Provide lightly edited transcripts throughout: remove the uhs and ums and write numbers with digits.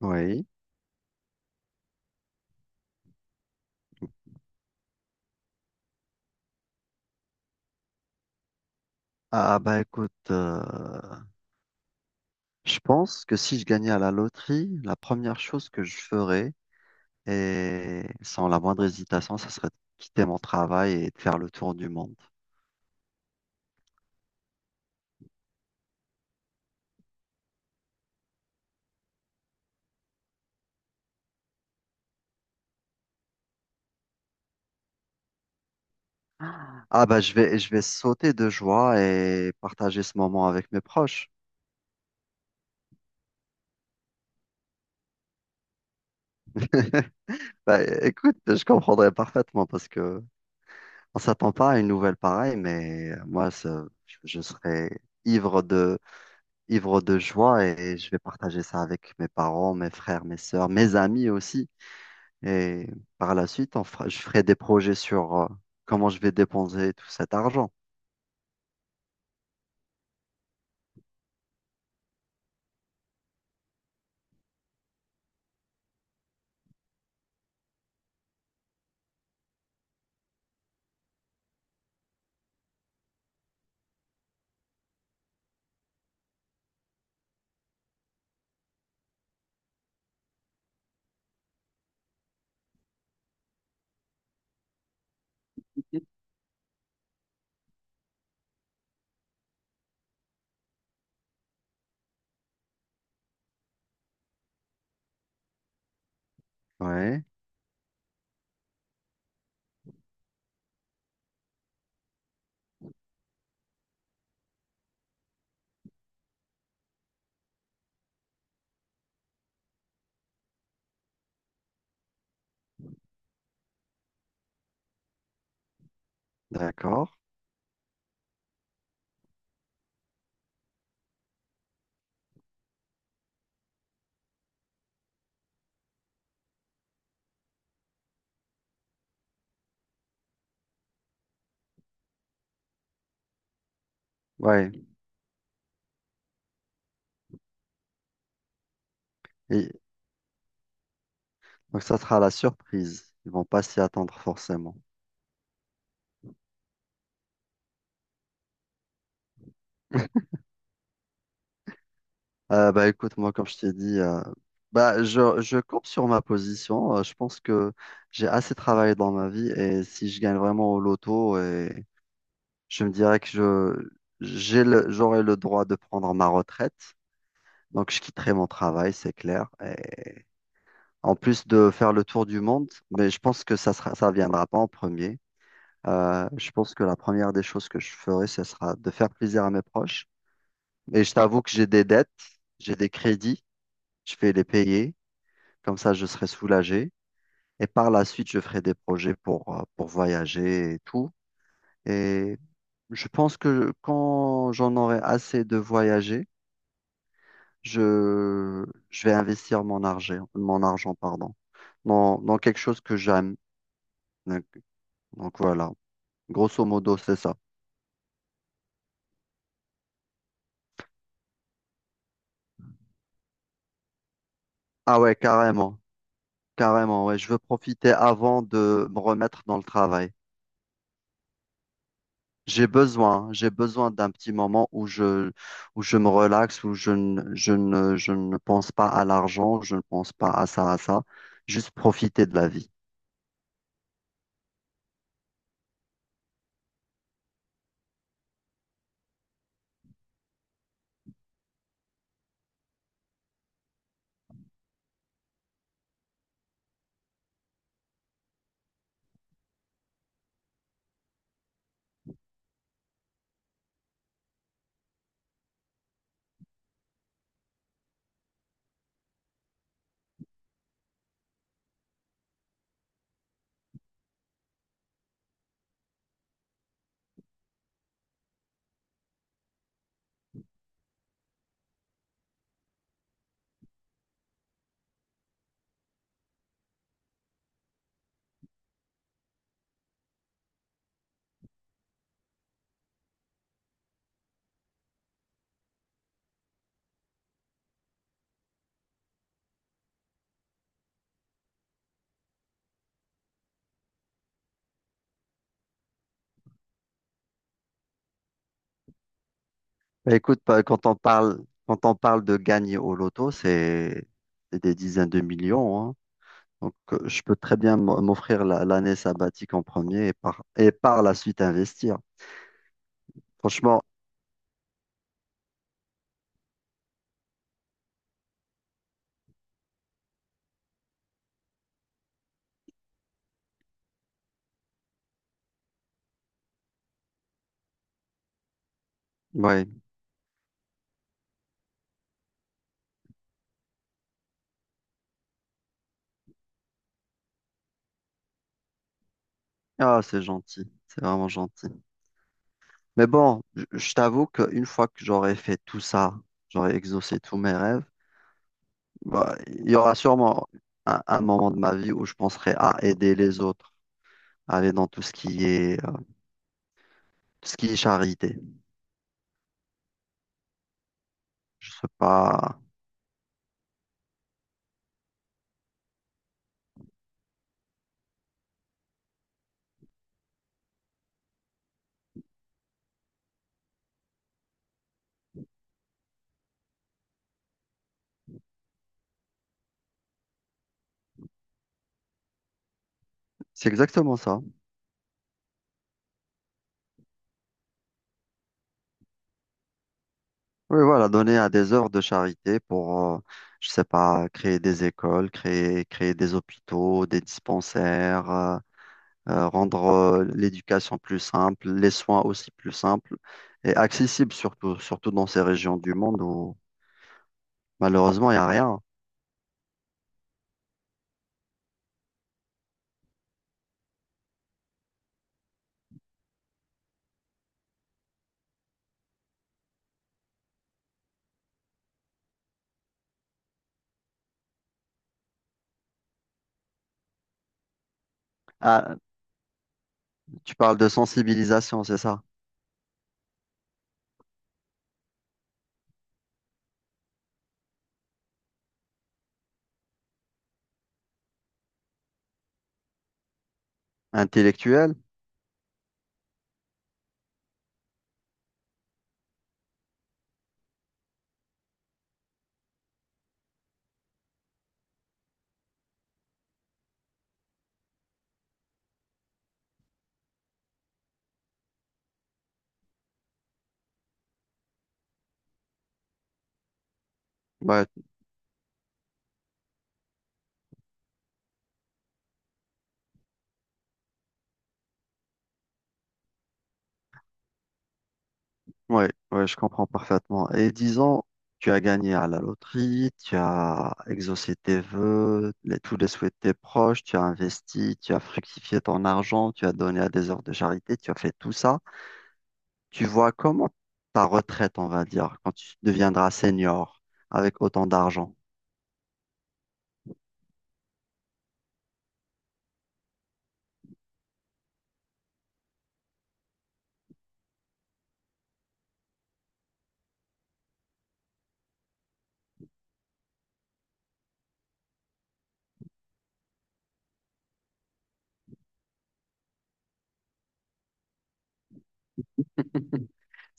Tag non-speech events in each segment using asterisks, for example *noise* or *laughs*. Oui. Ah bah écoute, je pense que si je gagnais à la loterie, la première chose que je ferais, et sans la moindre hésitation, ça serait de quitter mon travail et de faire le tour du monde. Ah bah je vais sauter de joie et partager ce moment avec mes proches. *laughs* Bah, écoute, je comprendrais parfaitement parce que on s'attend pas à une nouvelle pareille, mais moi, je serais ivre de, ivre de joie et je vais partager ça avec mes parents, mes frères, mes sœurs, mes amis aussi. Et par la suite, je ferai des projets sur comment je vais dépenser tout cet argent. Ouais, d'accord. Ouais. Et donc ça sera la surprise. Ils vont pas s'y attendre forcément. Bah écoute, moi, comme je t'ai dit, bah je campe sur ma position. Je pense que j'ai assez travaillé dans ma vie et si je gagne vraiment au loto, et je me dirais que je j'ai j'aurai le droit de prendre ma retraite. Donc je quitterai mon travail, c'est clair. Et en plus de faire le tour du monde, mais je pense que ça viendra pas en premier. Je pense que la première des choses que je ferai, ce sera de faire plaisir à mes proches. Et je t'avoue que j'ai des dettes, j'ai des crédits, je vais les payer. Comme ça, je serai soulagé. Et par la suite, je ferai des projets pour voyager et tout. Et je pense que quand j'en aurai assez de voyager, je vais investir mon argent, pardon, dans quelque chose que j'aime. Donc, donc voilà, grosso modo, c'est ça. Ah ouais, carrément, carrément, ouais. Je veux profiter avant de me remettre dans le travail. J'ai besoin d'un petit moment où je me relaxe, où je ne pense pas à l'argent, je ne pense pas à ça, à ça, juste profiter de la vie. Bah, écoute, bah, quand on parle de gagner au loto, c'est des dizaines de millions, hein. Donc, je peux très bien m'offrir l'année sabbatique en premier et et par la suite investir. Franchement, ouais. Ah, c'est gentil, c'est vraiment gentil. Mais bon, je t'avoue qu'une fois que j'aurai fait tout ça, j'aurai exaucé tous mes rêves, bah, il y aura sûrement un moment de ma vie où je penserai à aider les autres, à aller dans tout ce qui est charité. Je sais pas. C'est exactement ça. Oui, voilà, donner à des œuvres de charité pour, je sais pas, créer des écoles, créer des hôpitaux, des dispensaires, rendre l'éducation plus simple, les soins aussi plus simples et accessibles, surtout, surtout dans ces régions du monde où malheureusement il n'y a rien. Ah, tu parles de sensibilisation, c'est ça? Intellectuelle? Ouais, ouais, ouais, je comprends parfaitement. Et disons, tu as gagné à la loterie, tu as exaucé tes vœux, tous les souhaits de tes proches, tu as investi, tu as fructifié ton argent, tu as donné à des œuvres de charité, tu as fait tout ça. Tu vois comment ta retraite, on va dire, quand tu deviendras senior avec autant d'argent?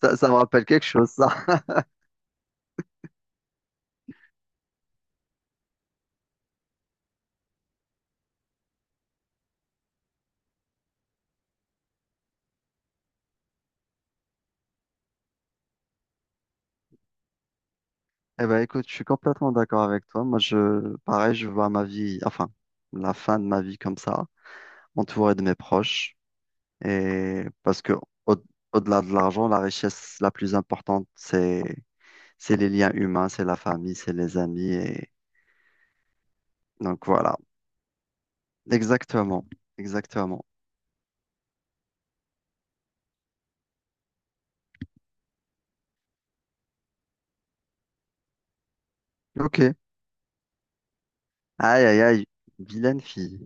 Ça me rappelle quelque chose, ça. *laughs* Eh ben, écoute, je suis complètement d'accord avec toi. Moi, je, pareil, je vois ma vie, enfin, la fin de ma vie comme ça. M'entourer de mes proches. Et parce que au, delà de l'argent, la richesse la plus importante, c'est les liens humains, c'est la famille, c'est les amis. Et donc voilà. Exactement. Exactement. Ok. Aïe, aïe, aïe. Vilaine fille.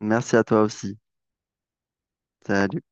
Merci à toi aussi. Salut.